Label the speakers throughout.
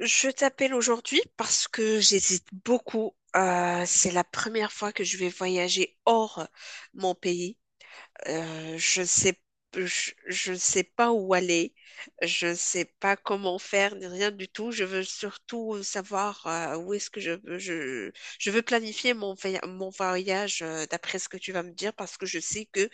Speaker 1: Je t'appelle aujourd'hui parce que j'hésite beaucoup. C'est la première fois que je vais voyager hors mon pays. Euh, je sais, je ne sais pas où aller. Je ne sais pas comment faire, ni rien du tout. Je veux surtout savoir où est-ce que je veux. Je veux planifier mon voyage d'après ce que tu vas me dire parce que je sais que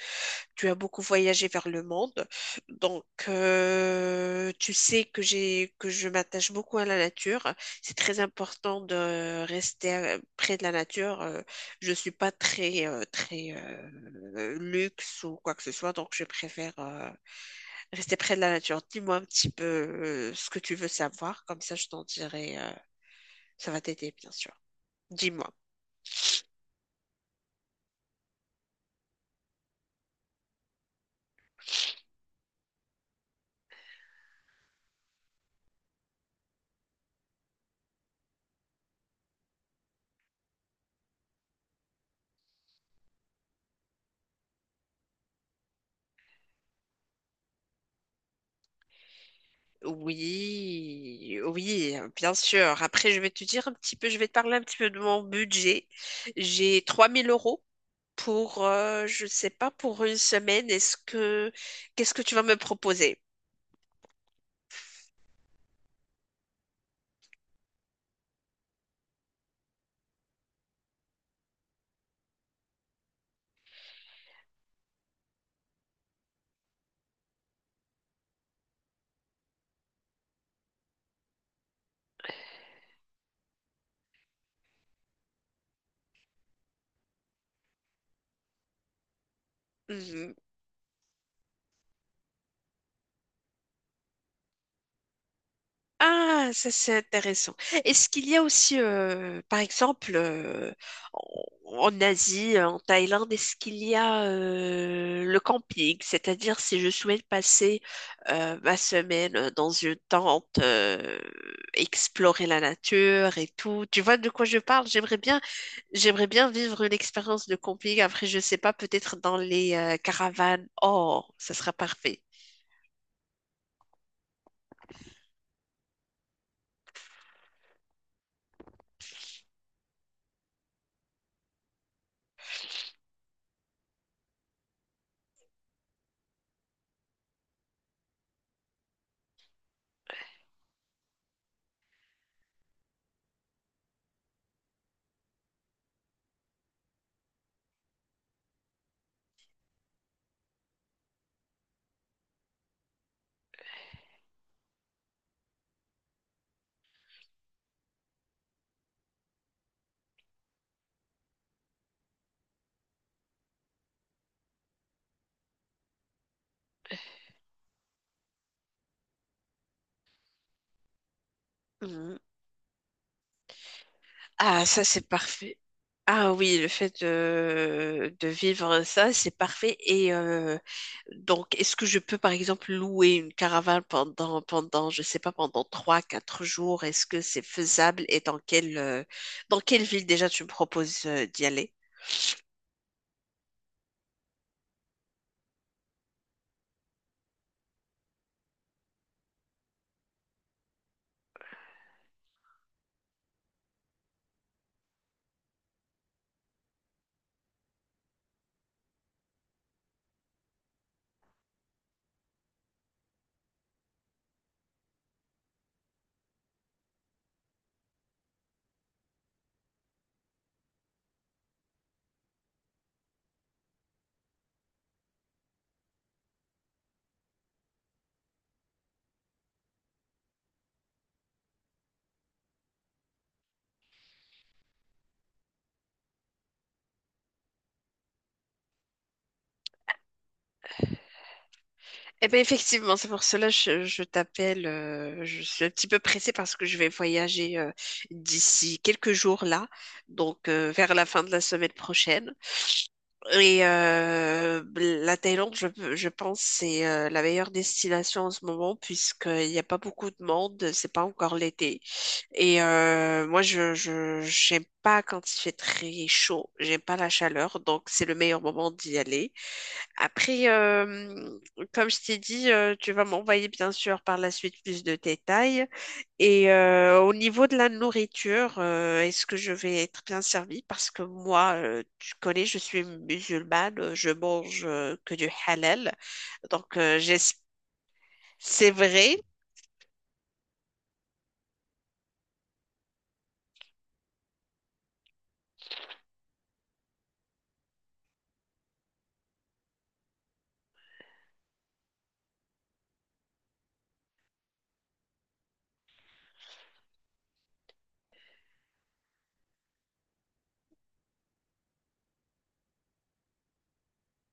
Speaker 1: tu as beaucoup voyagé vers le monde, donc tu sais que j'ai que je m'attache beaucoup à la nature. C'est très important de rester près de la nature. Je suis pas très luxe ou quoi que ce soit, donc je préfère rester près de la nature. Dis-moi un petit peu ce que tu veux savoir, comme ça je t'en dirai. Ça va t'aider, bien sûr. Dis-moi. Oui, oui, bien sûr. Après, je vais te dire un petit peu, je vais te parler un petit peu de mon budget. J'ai 3000 € pour, je sais pas, pour une semaine. Qu'est-ce que tu vas me proposer? Mmh. Ah, ça c'est intéressant. Est-ce qu'il y a aussi, par exemple, en en Asie, en Thaïlande, est-ce qu'il y a le camping? C'est-à-dire si je souhaite passer ma semaine dans une tente, explorer la nature et tout. Tu vois de quoi je parle? J'aimerais bien vivre une expérience de camping. Après, je sais pas, peut-être dans les caravanes. Oh, ça sera parfait. Mmh. Ah, ça, c'est parfait. Ah oui, de vivre ça, c'est parfait. Et donc, est-ce que je peux, par exemple, louer une caravane pendant je sais pas, pendant trois, quatre jours? Est-ce que c'est faisable et dans quelle ville déjà tu me proposes d'y aller? Eh bien, effectivement, c'est pour cela que je t'appelle. Je suis un petit peu pressée parce que je vais voyager d'ici quelques jours là, donc vers la fin de la semaine prochaine. Et la Thaïlande, je pense, c'est la meilleure destination en ce moment puisqu'il n'y a pas beaucoup de monde, c'est pas encore l'été. Et moi, j'aime pas quand il fait très chaud, j'aime pas la chaleur, donc c'est le meilleur moment d'y aller. Après, comme je t'ai dit, tu vas m'envoyer bien sûr par la suite plus de détails. Et au niveau de la nourriture, est-ce que je vais être bien servie? Parce que moi, tu connais, je suis musulmane, je mange que du halal. Donc, c'est vrai?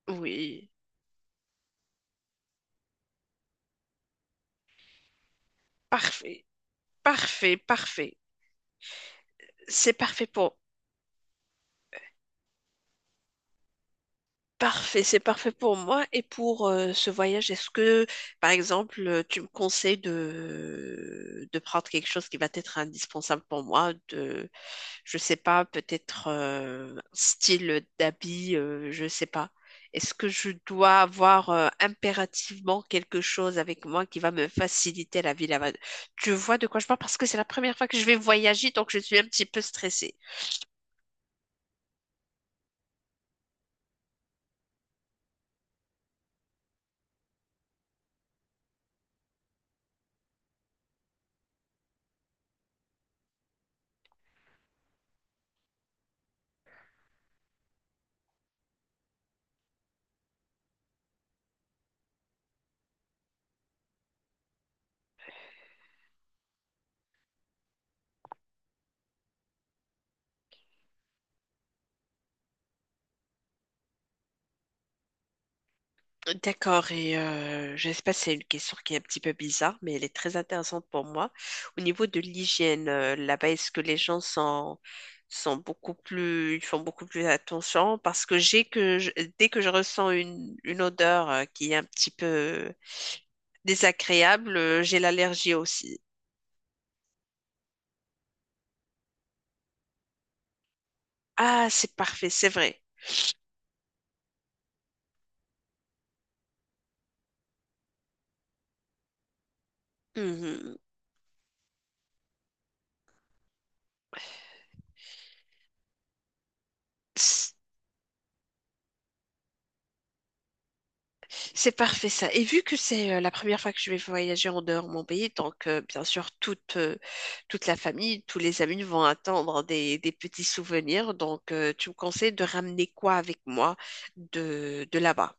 Speaker 1: Oui, parfait, parfait, parfait. C'est parfait pour. Parfait, c'est parfait pour moi et pour ce voyage. Par exemple, tu me conseilles de prendre quelque chose qui va être indispensable pour moi, de, je sais pas, peut-être style d'habit, je sais pas. Est-ce que je dois avoir impérativement quelque chose avec moi qui va me faciliter la vie là-bas? Tu vois de quoi je parle parce que c'est la première fois que je vais voyager, donc je suis un petit peu stressée. D'accord, et je ne sais pas si c'est une question qui est un petit peu bizarre, mais elle est très intéressante pour moi. Au niveau de l'hygiène, là-bas, est-ce que sont beaucoup plus, ils font beaucoup plus attention? Parce que dès que je ressens une odeur qui est un petit peu désagréable, j'ai l'allergie aussi. Ah, c'est parfait, c'est vrai. Mhm. C'est parfait ça. Et vu que c'est la première fois que je vais voyager en dehors de mon pays, donc bien sûr toute la famille, tous les amis vont attendre des petits souvenirs. Donc tu me conseilles de ramener quoi avec moi de là-bas?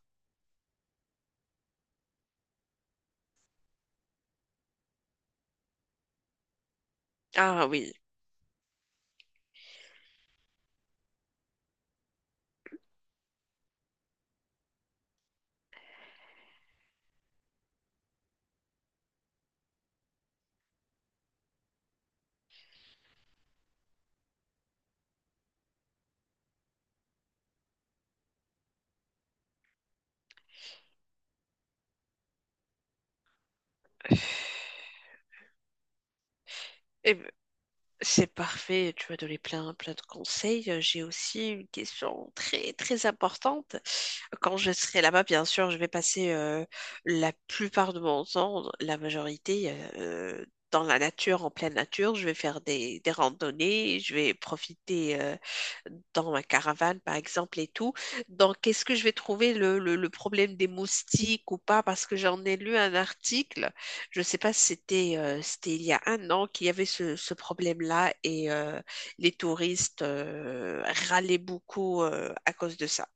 Speaker 1: Ah oui. C'est parfait, tu m'as donné plein, plein de conseils. J'ai aussi une question très, très importante. Quand je serai là-bas, bien sûr, je vais passer la plupart de mon temps, la majorité, dans la nature, en pleine nature. Je vais faire des randonnées, je vais profiter dans ma caravane, par exemple, et tout. Donc, est-ce que je vais trouver le problème des moustiques ou pas? Parce que j'en ai lu un article. Je ne sais pas si c'était c'était il y a 1 an qu'il y avait ce, ce problème-là et les touristes râlaient beaucoup à cause de ça.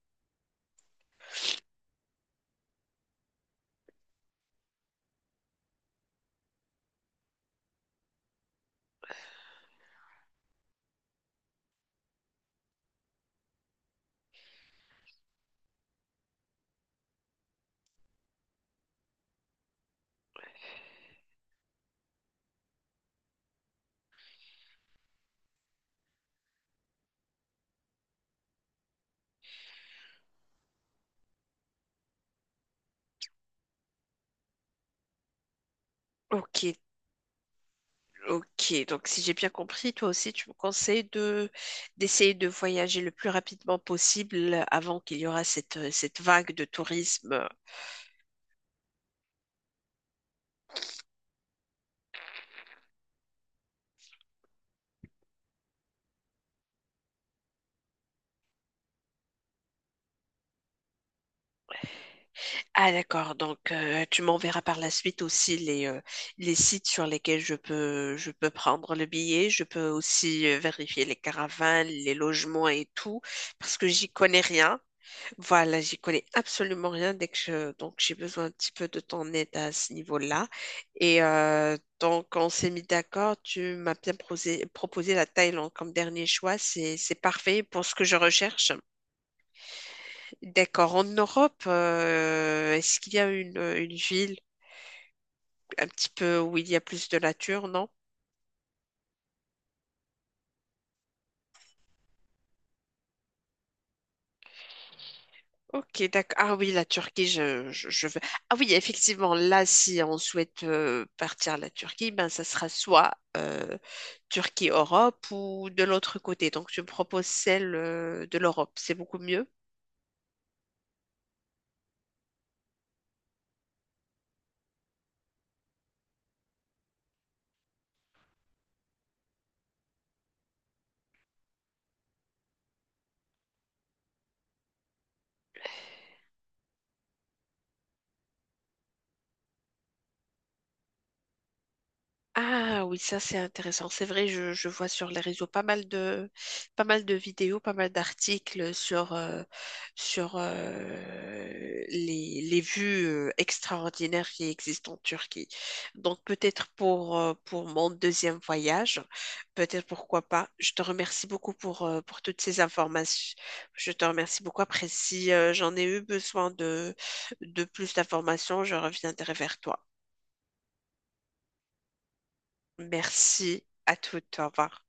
Speaker 1: Ok, ok. Donc si j'ai bien compris, toi aussi, tu me conseilles de d'essayer de voyager le plus rapidement possible avant qu'il y aura cette, cette vague de tourisme. Ah d'accord, donc tu m'enverras par la suite aussi les sites sur lesquels je peux prendre le billet. Je peux aussi vérifier les caravanes, les logements et tout, parce que j'y connais rien. Voilà, j'y connais absolument rien donc j'ai besoin un petit peu de ton aide à ce niveau-là. Et donc on s'est mis d'accord, tu m'as bien proposé la Thaïlande comme dernier choix, c'est parfait pour ce que je recherche. D'accord. En Europe, est-ce qu'il y a une ville un petit peu où il y a plus de nature, non? Ok, d'accord. Ah oui, la Turquie, je veux. Ah oui, effectivement, là, si on souhaite partir à la Turquie, ben, ça sera soit Turquie-Europe ou de l'autre côté. Donc, je me propose celle de l'Europe. C'est beaucoup mieux. Ah oui, ça c'est intéressant. C'est vrai, je vois sur les réseaux pas mal de vidéos, pas mal d'articles sur les vues extraordinaires qui existent en Turquie. Donc peut-être pour mon deuxième voyage, peut-être pourquoi pas. Je te remercie beaucoup pour toutes ces informations. Je te remercie beaucoup. Après, si j'en ai eu besoin de plus d'informations, je reviendrai vers toi. Merci à toutes. Au revoir.